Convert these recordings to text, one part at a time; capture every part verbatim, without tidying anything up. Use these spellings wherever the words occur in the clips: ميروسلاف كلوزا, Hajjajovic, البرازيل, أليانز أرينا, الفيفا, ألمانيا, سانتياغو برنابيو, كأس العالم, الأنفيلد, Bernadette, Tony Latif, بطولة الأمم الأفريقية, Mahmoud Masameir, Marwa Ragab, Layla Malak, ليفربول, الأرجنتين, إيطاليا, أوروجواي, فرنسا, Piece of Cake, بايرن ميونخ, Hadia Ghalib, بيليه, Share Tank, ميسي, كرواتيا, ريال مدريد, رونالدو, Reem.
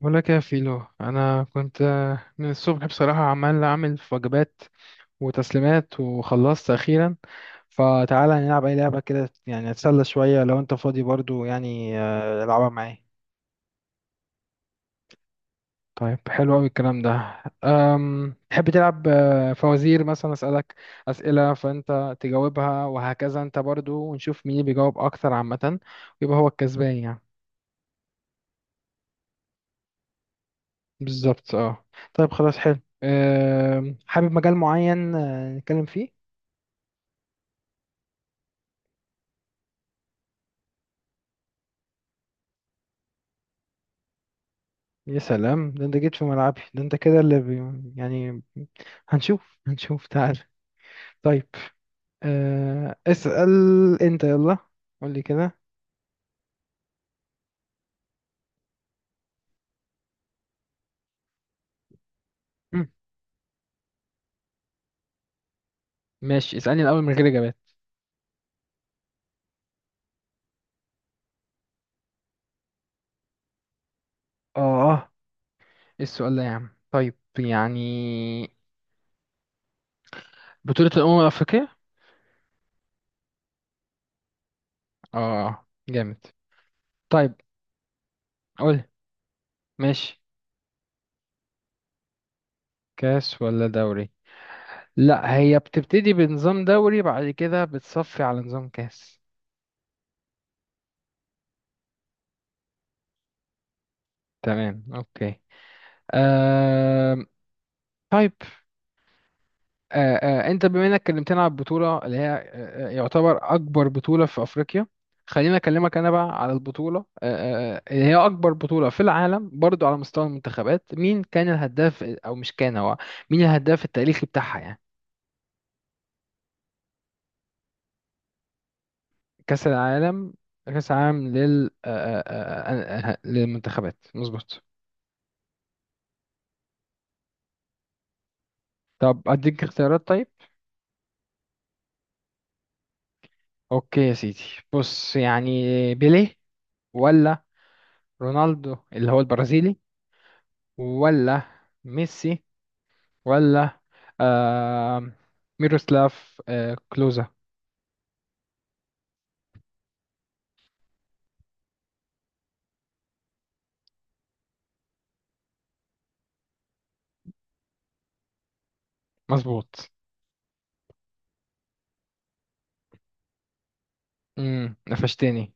بقول لك يا فيلو انا كنت آه، من الصبح بصراحه عمال اعمل في وجبات وتسليمات وخلصت اخيرا. فتعالى نلعب اي لعبه كده يعني اتسلى شويه لو انت فاضي برضو يعني، آه، العبها معايا. طيب حلو قوي الكلام ده. أم، تحب تلعب آه، فوازير مثلا اسالك اسئله فانت تجاوبها وهكذا انت برضو ونشوف مين اللي بيجاوب اكتر عامه، ويبقى هو الكسبان يعني. بالظبط اه. طيب خلاص حلو. أم، حابب مجال معين آه، نتكلم فيه؟ يا سلام، ده انت جيت في ملعبي، ده انت كده اللي بي... يعني. هنشوف هنشوف تعال. طيب آه... اسأل. انت يلا قول لي كده. مم. ماشي اسألني الأول من غير إجابات. اه اه، ايه السؤال ده يا عم طيب يعني. بطولة الأمم الأفريقية. اه جامد. طيب قول. ماشي، كاس ولا دوري؟ لا، هي بتبتدي بنظام دوري بعد كده بتصفي على نظام كاس. تمام اوكي. آه... طيب، آه، آه، انت بما انك كلمتنا على البطوله اللي هي آه، آه، يعتبر اكبر بطوله في افريقيا، خليني اكلمك انا بقى على البطوله آه، آه، آه، اللي هي اكبر بطوله في العالم برضو على مستوى المنتخبات. مين كان الهداف، او مش كان هو، مين الهداف التاريخي بتاعها يعني؟ كاس العالم، كاس العالم لل آه، آه، آه، آه، للمنتخبات مظبوط. طب اديك اختيارات؟ طيب اوكي يا سيدي، بص يعني: بيليه، ولا رونالدو اللي هو البرازيلي، ولا ميسي، ولا آه ميروسلاف آه كلوزا؟ مظبوط. امم، قفشتني.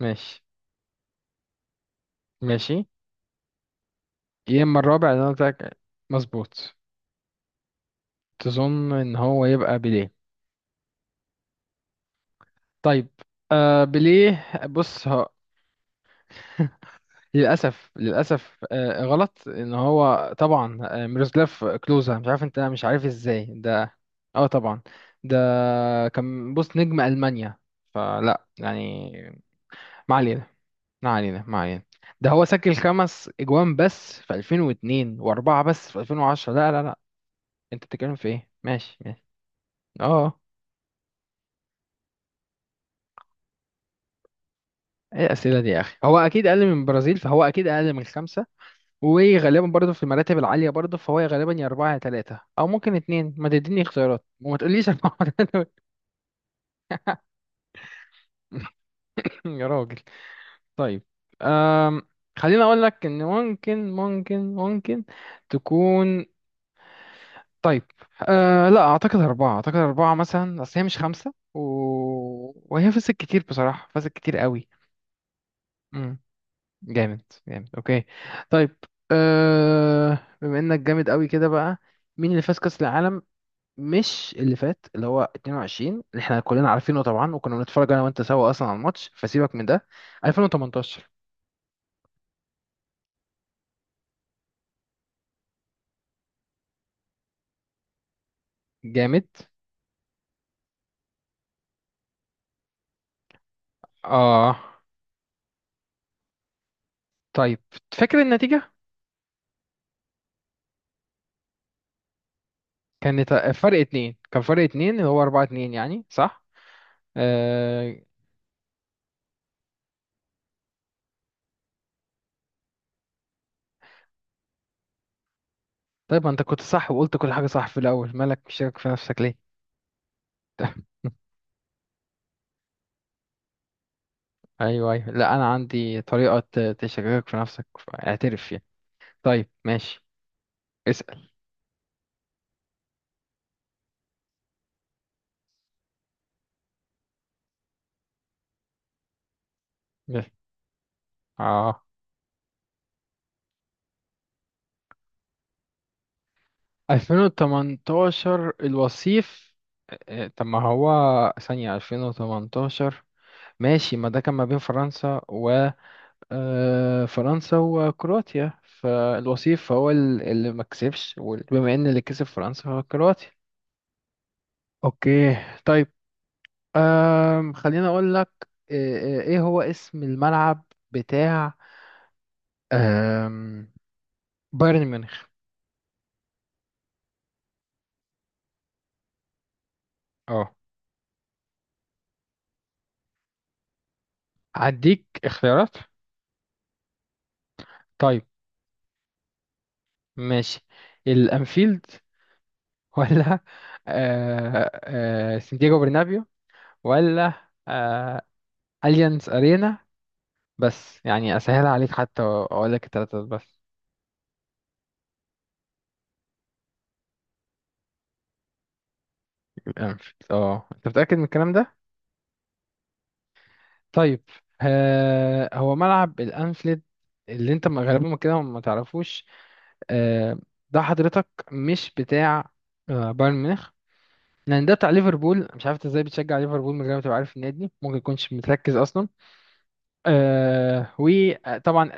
ماشي. ماشي. يا اما الرابع اللي انا قلت لك. مظبوط. تظن ان هو يبقى بيليه؟ طيب، آه بيليه، بص ها. للاسف للاسف آه غلط. ان هو طبعا آه ميروسلاف كلوزا، مش عارف انت مش عارف ازاي ده. اه طبعا ده كان بص نجم المانيا، فلا يعني، ما علينا ما علينا ما علينا. ده هو سجل خمس اجوان بس في ألفين واتنين واربعه بس في ألفين وعشرة. لا لا لا انت بتتكلم في ايه، ماشي ماشي. اه، ايه الاسئله دي يا اخي. هو اكيد اقل من البرازيل، فهو اكيد اقل من خمسه، وغالبا برضه في المراتب العاليه برضه، فهو غالبا يا اربعه يا ثلاثه او ممكن اتنين. ما تديني اختيارات وما تقوليش اربعه ولا. يا راجل. طيب أم... خليني اقول لك ان ممكن ممكن ممكن تكون. طيب آه لا اعتقد اربعة، اعتقد اربعة مثلا، اصل هي مش خمسة و... وهي فازت كتير بصراحة، فازت كتير قوي. امم. جامد جامد اوكي. طيب، آه بما انك جامد قوي كده بقى، مين اللي فاز كأس العالم؟ مش اللي فات اللي هو اتنين وعشرين اللي احنا كلنا عارفينه طبعا وكنا بنتفرج انا وانت سوا اصلا على الماتش، فسيبك من ده. ألفين وتمنتاشر. جامد اه. طيب فاكر النتيجة؟ كانت فرق اتنين، كان فرق اتنين، اللي هو اربعة اتنين يعني، صح؟ آه، طيب ما انت كنت صح وقلت كل حاجة صح في الأول، مالك مشكك في نفسك ليه؟ أيوه أيوه، لا أنا عندي طريقة ت- تشككك في نفسك، اعترف فيها. طيب ماشي، اسأل. يلا. اه، ألفين وتمنتاشر الوصيف. اه، آه، طب ما هو، ثانية ألفين وثمانية عشر، ماشي، ما ده كان ما بين فرنسا و اه، فرنسا وكرواتيا، فالوصيف هو ال- اللي ما كسبش، وبما ان اللي كسب فرنسا، هو كرواتيا. اوكي. طيب أم، خليني أقول لك إيه، إيه هو اسم الملعب بتاع أم، بايرن ميونخ؟ اه هديك اختيارات؟ طيب ماشي: الأنفيلد، ولا آه، آه، سانتياغو برنابيو، ولا آه، أليانز أرينا؟ بس يعني أسهل عليك حتى أقول لك التلاتة دول بس. الأنفيلد، اه أنت متأكد من الكلام ده؟ طيب، آه، هو ملعب الأنفيلد اللي انت م- غالبا كده ما تعرفوش، آه، ده حضرتك مش بتاع آه، بايرن ميونخ، لان ده بتاع ليفربول. مش عارف إنت ازاي بتشجع ليفربول من غير ما تبقى عارف النادي، ممكن يكونش متركز اصلا. آه وطبعا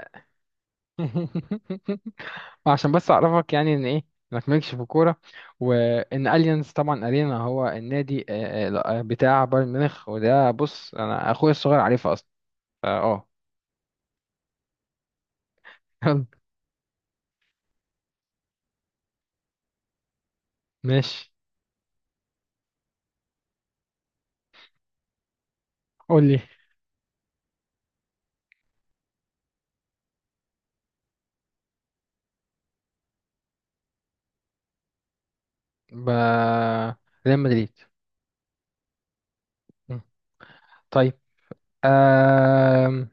عشان بس اعرفك يعني ان ايه، انك مالكش في الكوره، وان اليانز طبعا ارينا هو النادي آه، آه، آه، بتاع بايرن ميونخ. وده بص انا اخويا الصغير عارفه اصلا. اه. آه. ماشي. قول لي. ب... ريال مدريد. طيب آه...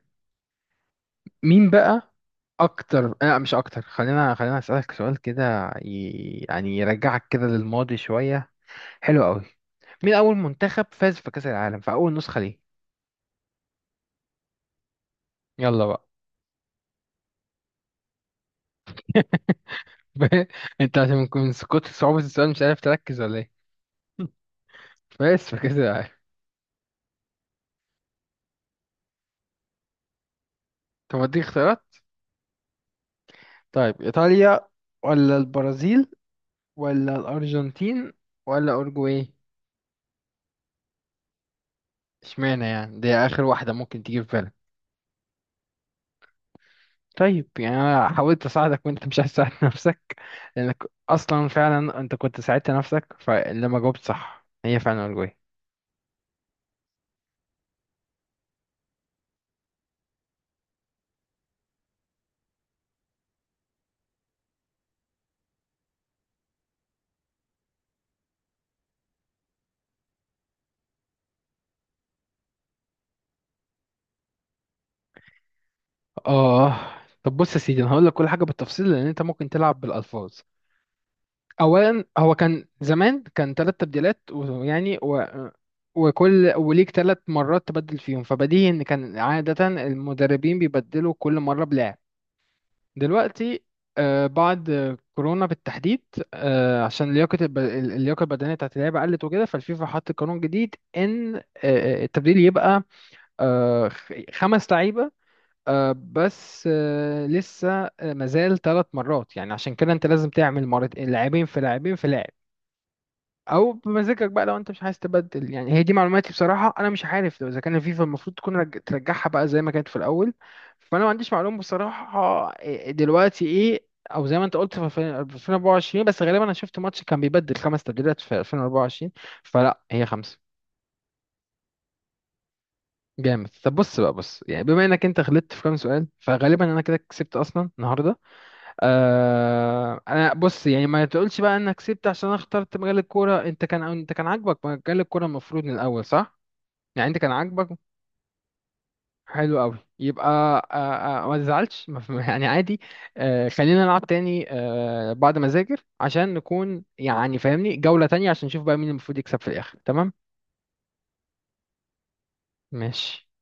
مين بقى اكتر، لا مش اكتر، خلينا خلينا اسالك سؤال كده ي- يعني يرجعك كده للماضي شويه، حلو قوي. مين اول منتخب فاز في كاس العالم في اول نسخه ليه؟ يلا بقى. انت عشان من من كتر صعوبه السؤال مش عارف تركز ولا ايه؟ فاز في كاس العالم. طب اديك اختيارات؟ طيب ايطاليا، ولا البرازيل، ولا الارجنتين، ولا اوروجواي؟ اشمعنى يعني، دي اخر واحده ممكن تيجي في بالك. طيب يعني انا حاولت اساعدك وانت مش عايز تساعد نفسك. لانك اصلا فعلا انت كنت ساعدت نفسك، فلما جاوبت صح، هي فعلا الجوي. اه. طب بص يا سيدي انا هقول لك كل حاجه بالتفصيل لان انت ممكن تلعب بالالفاظ. اولا هو كان زمان كان ثلاث تبديلات ويعني و... وكل وليك ثلاث مرات تبدل فيهم، فبديهي ان كان عاده المدربين بيبدلوا كل مره بلاعب. دلوقتي آه، بعد كورونا بالتحديد، آه، عشان لياقة الب- اللياقة البدنية بتاعت اللعيبة قلت وكده، فالفيفا حط قانون جديد إن آه، آه، التبديل يبقى آه، خ- خمس لعيبة، آه، بس آه، لسه آه، مازال ثلاث مرات، يعني عشان كده أنت لازم تعمل مرتين لاعبين في لاعبين في لاعب، او بمزاجك بقى لو انت مش عايز تبدل يعني. هي دي معلوماتي بصراحه، انا مش عارف لو اذا كان الفيفا المفروض تكون رج... ترجعها بقى زي ما كانت في الاول. فانا ما عنديش معلومه بصراحه إيه- دلوقتي ايه، او زي ما انت قلت في ألفين وأربعة وعشرين، بس غالبا انا شفت ماتش كان بيبدل خمس تبديلات في ألفين وأربعة وعشرين، فلا هي خمسه. جامد. طب بص بقى بص يعني بما انك انت غلطت في كام سؤال، فغالبا انا كده كسبت اصلا النهارده. آه انا بص يعني ما تقولش بقى انك كسبت عشان انا اخترت مجال الكوره، انت كان انت كان عاجبك مجال الكوره المفروض من الاول، صح؟ يعني انت كان عاجبك. حلو قوي، يبقى آه، آه، ما تزعلش، ما في- يعني عادي. آه، خلينا نلعب تاني آه، بعد ما اذاكر عشان نكون يعني فاهمني، جولة تانية عشان نشوف بقى مين المفروض يكسب في الاخر، تمام؟ ماشي.